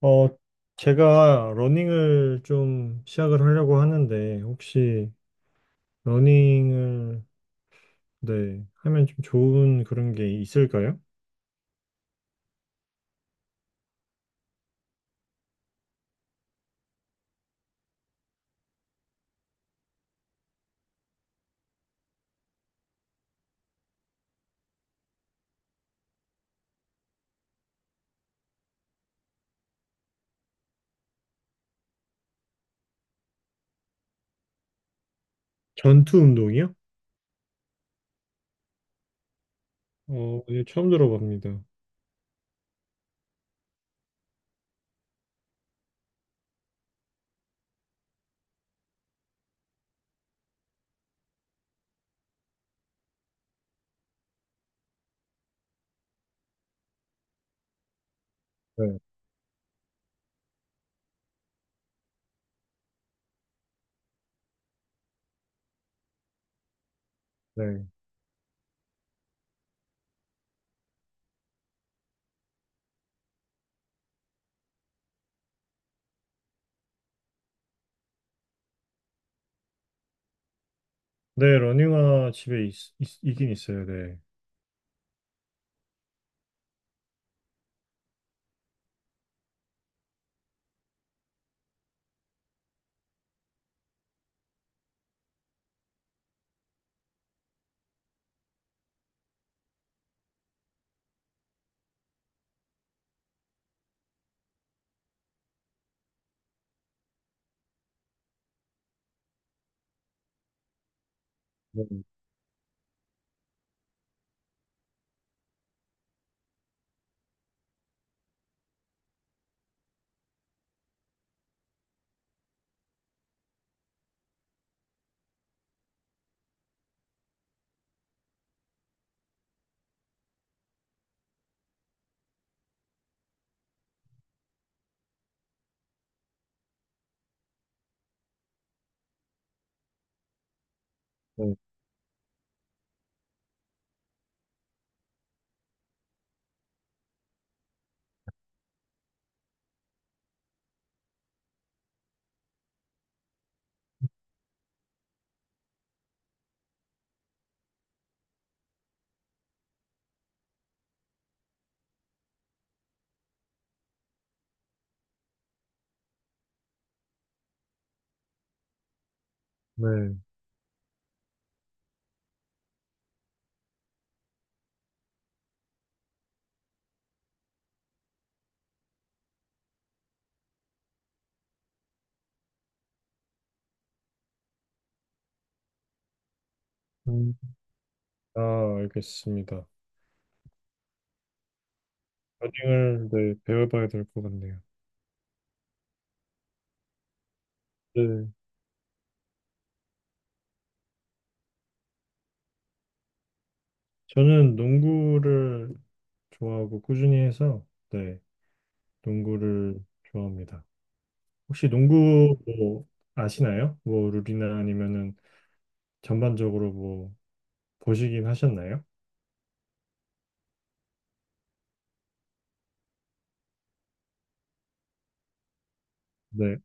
어, 제가 러닝을 좀 시작을 하려고 하는데, 혹시 러닝을, 네, 하면 좀 좋은 그런 게 있을까요? 전투 운동이요? 예, 처음 들어봅니다. 네, 네. 네, 러닝화 집에 있긴 있어요, 네. 네, 네. 네. 음, 아, 알겠습니다. 러닝을, 네, 배워봐야 될 것 같네요. 네, 저는 농구를 좋아하고 꾸준히 해서, 네, 농구를 좋아합니다. 혹시 농구 뭐 아시나요? 뭐 룰이나 아니면은 전반적으로 뭐 보시긴 하셨나요? 네.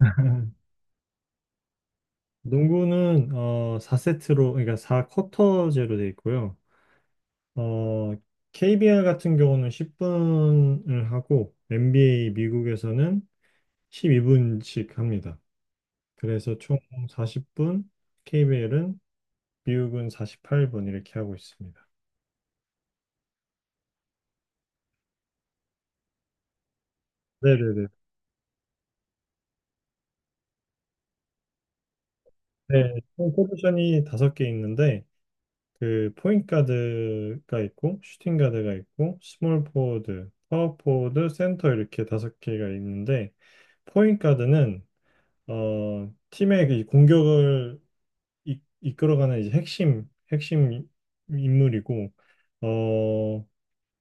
농구는 4세트로 그러니까 4쿼터제로 돼 있고요. 어 KBL 같은 경우는 10분을 하고 NBA 미국에서는 12분씩 합니다. 그래서 총 40분, KBL은 미국은 48분 이렇게 하고 있습니다. 네네네. 네, 총 포지션이 다섯 개 있는데 그 포인트 가드가 있고 슈팅 가드가 있고 스몰 포워드, 파워 포워드, 센터 이렇게 다섯 개가 있는데 포인트 가드는 팀의 그 이 공격을 이끌어가는 이제 핵심 인물이고 어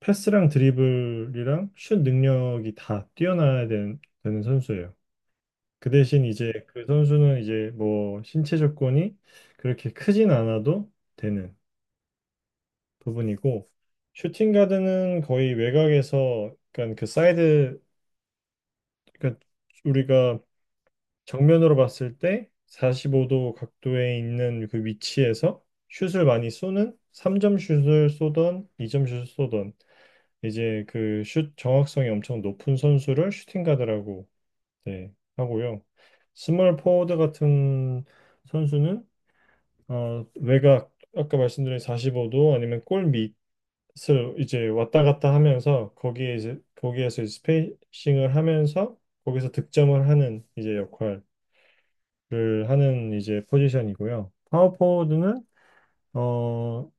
패스랑 드리블이랑 슛 능력이 다 뛰어나야 되는 선수예요. 그 대신 이제 그 선수는 이제 뭐 신체 조건이 그렇게 크진 않아도 되는 부분이고 슈팅 가드는 거의 외곽에서 약간 그 사이드 그러니까 우리가 정면으로 봤을 때 45도 각도에 있는 그 위치에서 슛을 많이 쏘는 3점 슛을 쏘던 2점 슛을 쏘던 이제 그 슛 정확성이 엄청 높은 선수를 슈팅 가드라고 네, 하고요. 스몰 포워드 같은 선수는 외곽 아까 말씀드린 45도 아니면 골밑 슬 이제 왔다 갔다 하면서 거기에 이제 거기에서 이제 스페이싱을 하면서 거기서 득점을 하는 이제 역할을 하는 이제 포지션이고요. 파워포워드는 어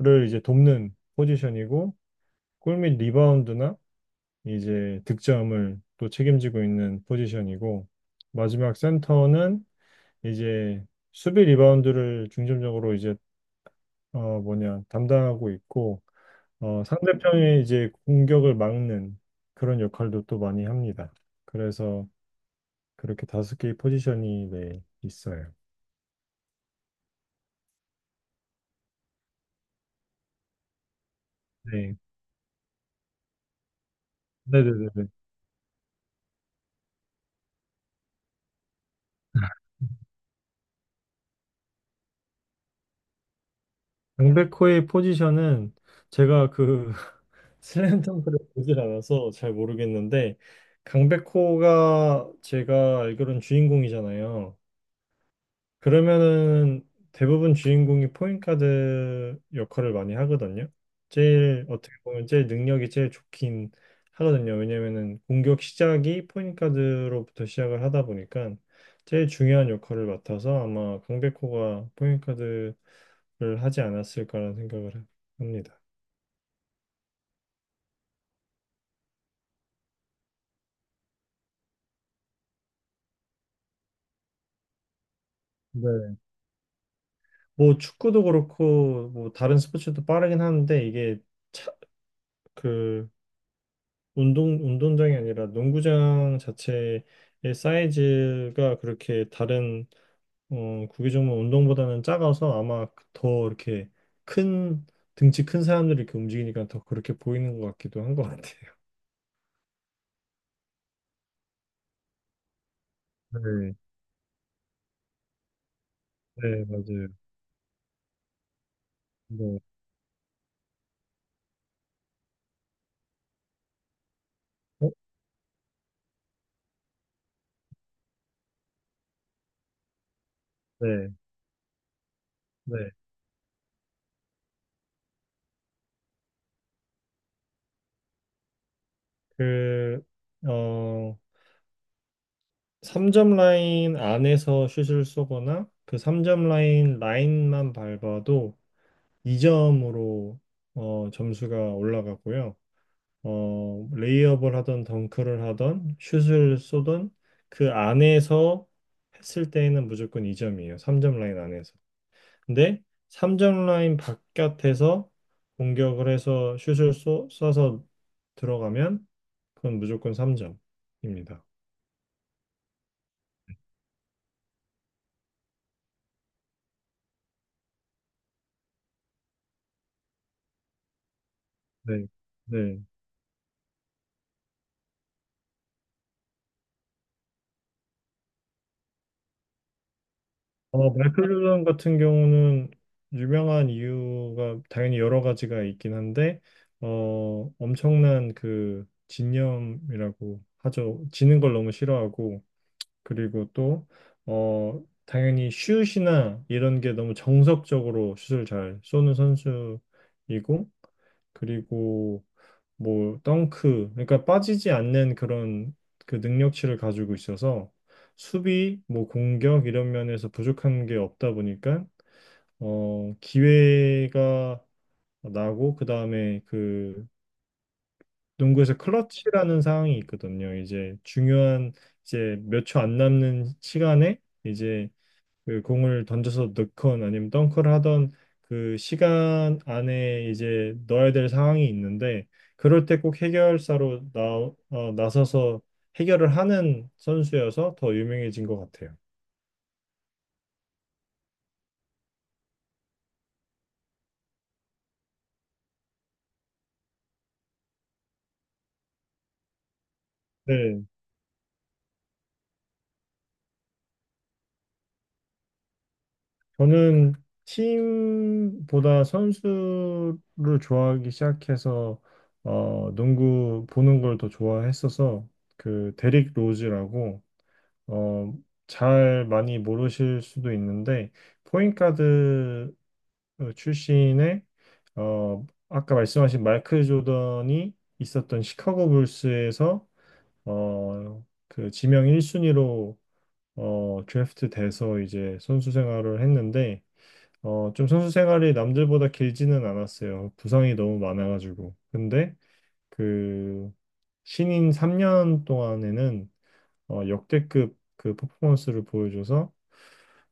센터를 이제 돕는 포지션이고 골 및 리바운드나 이제 득점을 또 책임지고 있는 포지션이고 마지막 센터는 이제 수비 리바운드를 중점적으로 이제 뭐냐 담당하고 있고 상대편의 이제 공격을 막는 그런 역할도 또 많이 합니다. 그래서 그렇게 다섯 개의 포지션이 네, 있어요. 네. 네네네네. 강백호의 포지션은 제가 그 슬램덩크를 보질 않아서 잘 모르겠는데 강백호가 제가 알기로는 주인공이잖아요. 그러면은 대부분 주인공이 포인트가드 역할을 많이 하거든요. 제일 어떻게 보면 제일 능력이 제일 좋긴 하거든요. 왜냐면은 공격 시작이 포인트가드로부터 시작을 하다 보니까 제일 중요한 역할을 맡아서 아마 강백호가 포인트가드를 하지 않았을까라는 생각을 합니다. 네. 뭐 축구도 그렇고 뭐 다른 스포츠도 빠르긴 하는데 이게 차, 그 운동장이 아니라 농구장 자체의 사이즈가 그렇게 다른 구기 종목 운동보다는 작아서 아마 더 이렇게 큰 등치 큰 사람들이 이렇게 움직이니까 더 그렇게 보이는 것 같기도 한 것 같아요. 네, 네, 맞아요. 네, 어? 네, 네. 그, 어, 3점 라인 안에서 슛을 쏘거나 그 3점 라인만 밟아도 2점으로 점수가 올라가고요. 레이업을 하던 덩크를 하던 슛을 쏘던 그 안에서 했을 때에는 무조건 2점이에요. 3점 라인 안에서. 근데 3점 라인 바깥에서 공격을 해서 슛을 쏴서 들어가면 그건 무조건 3점입니다. 네. 네. 마이클 JO 같은 경우는 유명한 이유가 당연히 여러 가지가 있긴 한데, 엄청난 그 집념이라고 하죠. 지는 걸 너무 싫어하고, 그리고 또, 당연히 슛이나 이런 게 너무 정석적으로 슛을 잘 쏘는 선수이고, 그리고 뭐 덩크 그러니까 빠지지 않는 그런 그 능력치를 가지고 있어서 수비 뭐 공격 이런 면에서 부족한 게 없다 보니까 기회가 나고 그다음에 그 농구에서 클러치라는 상황이 있거든요. 이제 중요한 이제 몇 초 안 남는 시간에 이제 그 공을 던져서 넣건 아니면 덩크를 하던 그 시간 안에 이제 넣어야 될 상황이 있는데 그럴 때 꼭 해결사로 나서서 해결을 하는 선수여서 더 유명해진 것 같아요. 네, 저는 팀보다 선수를 좋아하기 시작해서 농구 보는 걸 더 좋아했어서 그 데릭 로즈라고 어, 잘 많이 모르실 수도 있는데 포인트가드 출신의 아까 말씀하신 마이클 조던이 있었던 시카고 불스에서 그 지명 1순위로 드래프트 돼서 이제 선수 생활을 했는데 좀 선수 생활이 남들보다 길지는 않았어요. 부상이 너무 많아가지고. 근데 그 신인 3년 동안에는 역대급 그 퍼포먼스를 보여줘서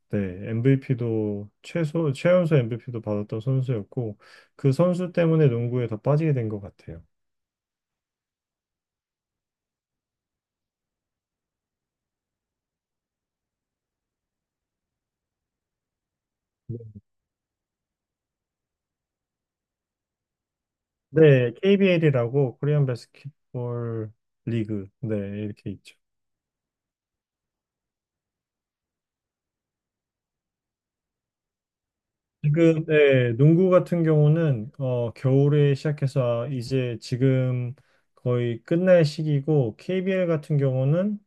네, MVP도 최소 최연소 MVP도 받았던 선수였고 그 선수 때문에 농구에 더 빠지게 된 것 같아요. 네, KBL이라고 코리안 바스켓볼 리그 네 이렇게 있죠. 지금 네, 농구 같은 경우는 겨울에 시작해서 이제 지금 거의 끝날 시기고 KBL 같은 경우는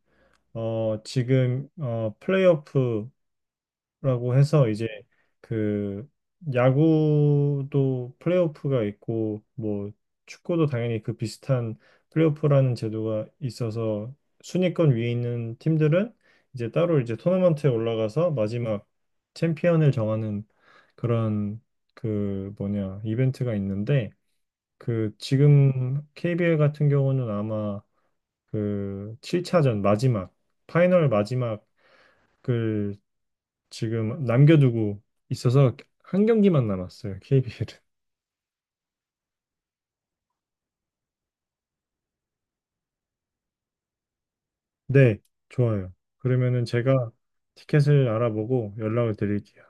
지금 플레이오프 라고 해서 이제 그 야구도 플레이오프가 있고 뭐 축구도 당연히 그 비슷한 플레이오프라는 제도가 있어서 순위권 위에 있는 팀들은 이제 따로 이제 토너먼트에 올라가서 마지막 챔피언을 정하는 그런 그 뭐냐 이벤트가 있는데 그 지금 KBL 같은 경우는 아마 그 7차전 마지막 파이널 마지막을 지금 남겨두고 있어서 한 경기만 남았어요, KBL은. 네, 좋아요. 그러면은 제가 티켓을 알아보고 연락을 드릴게요.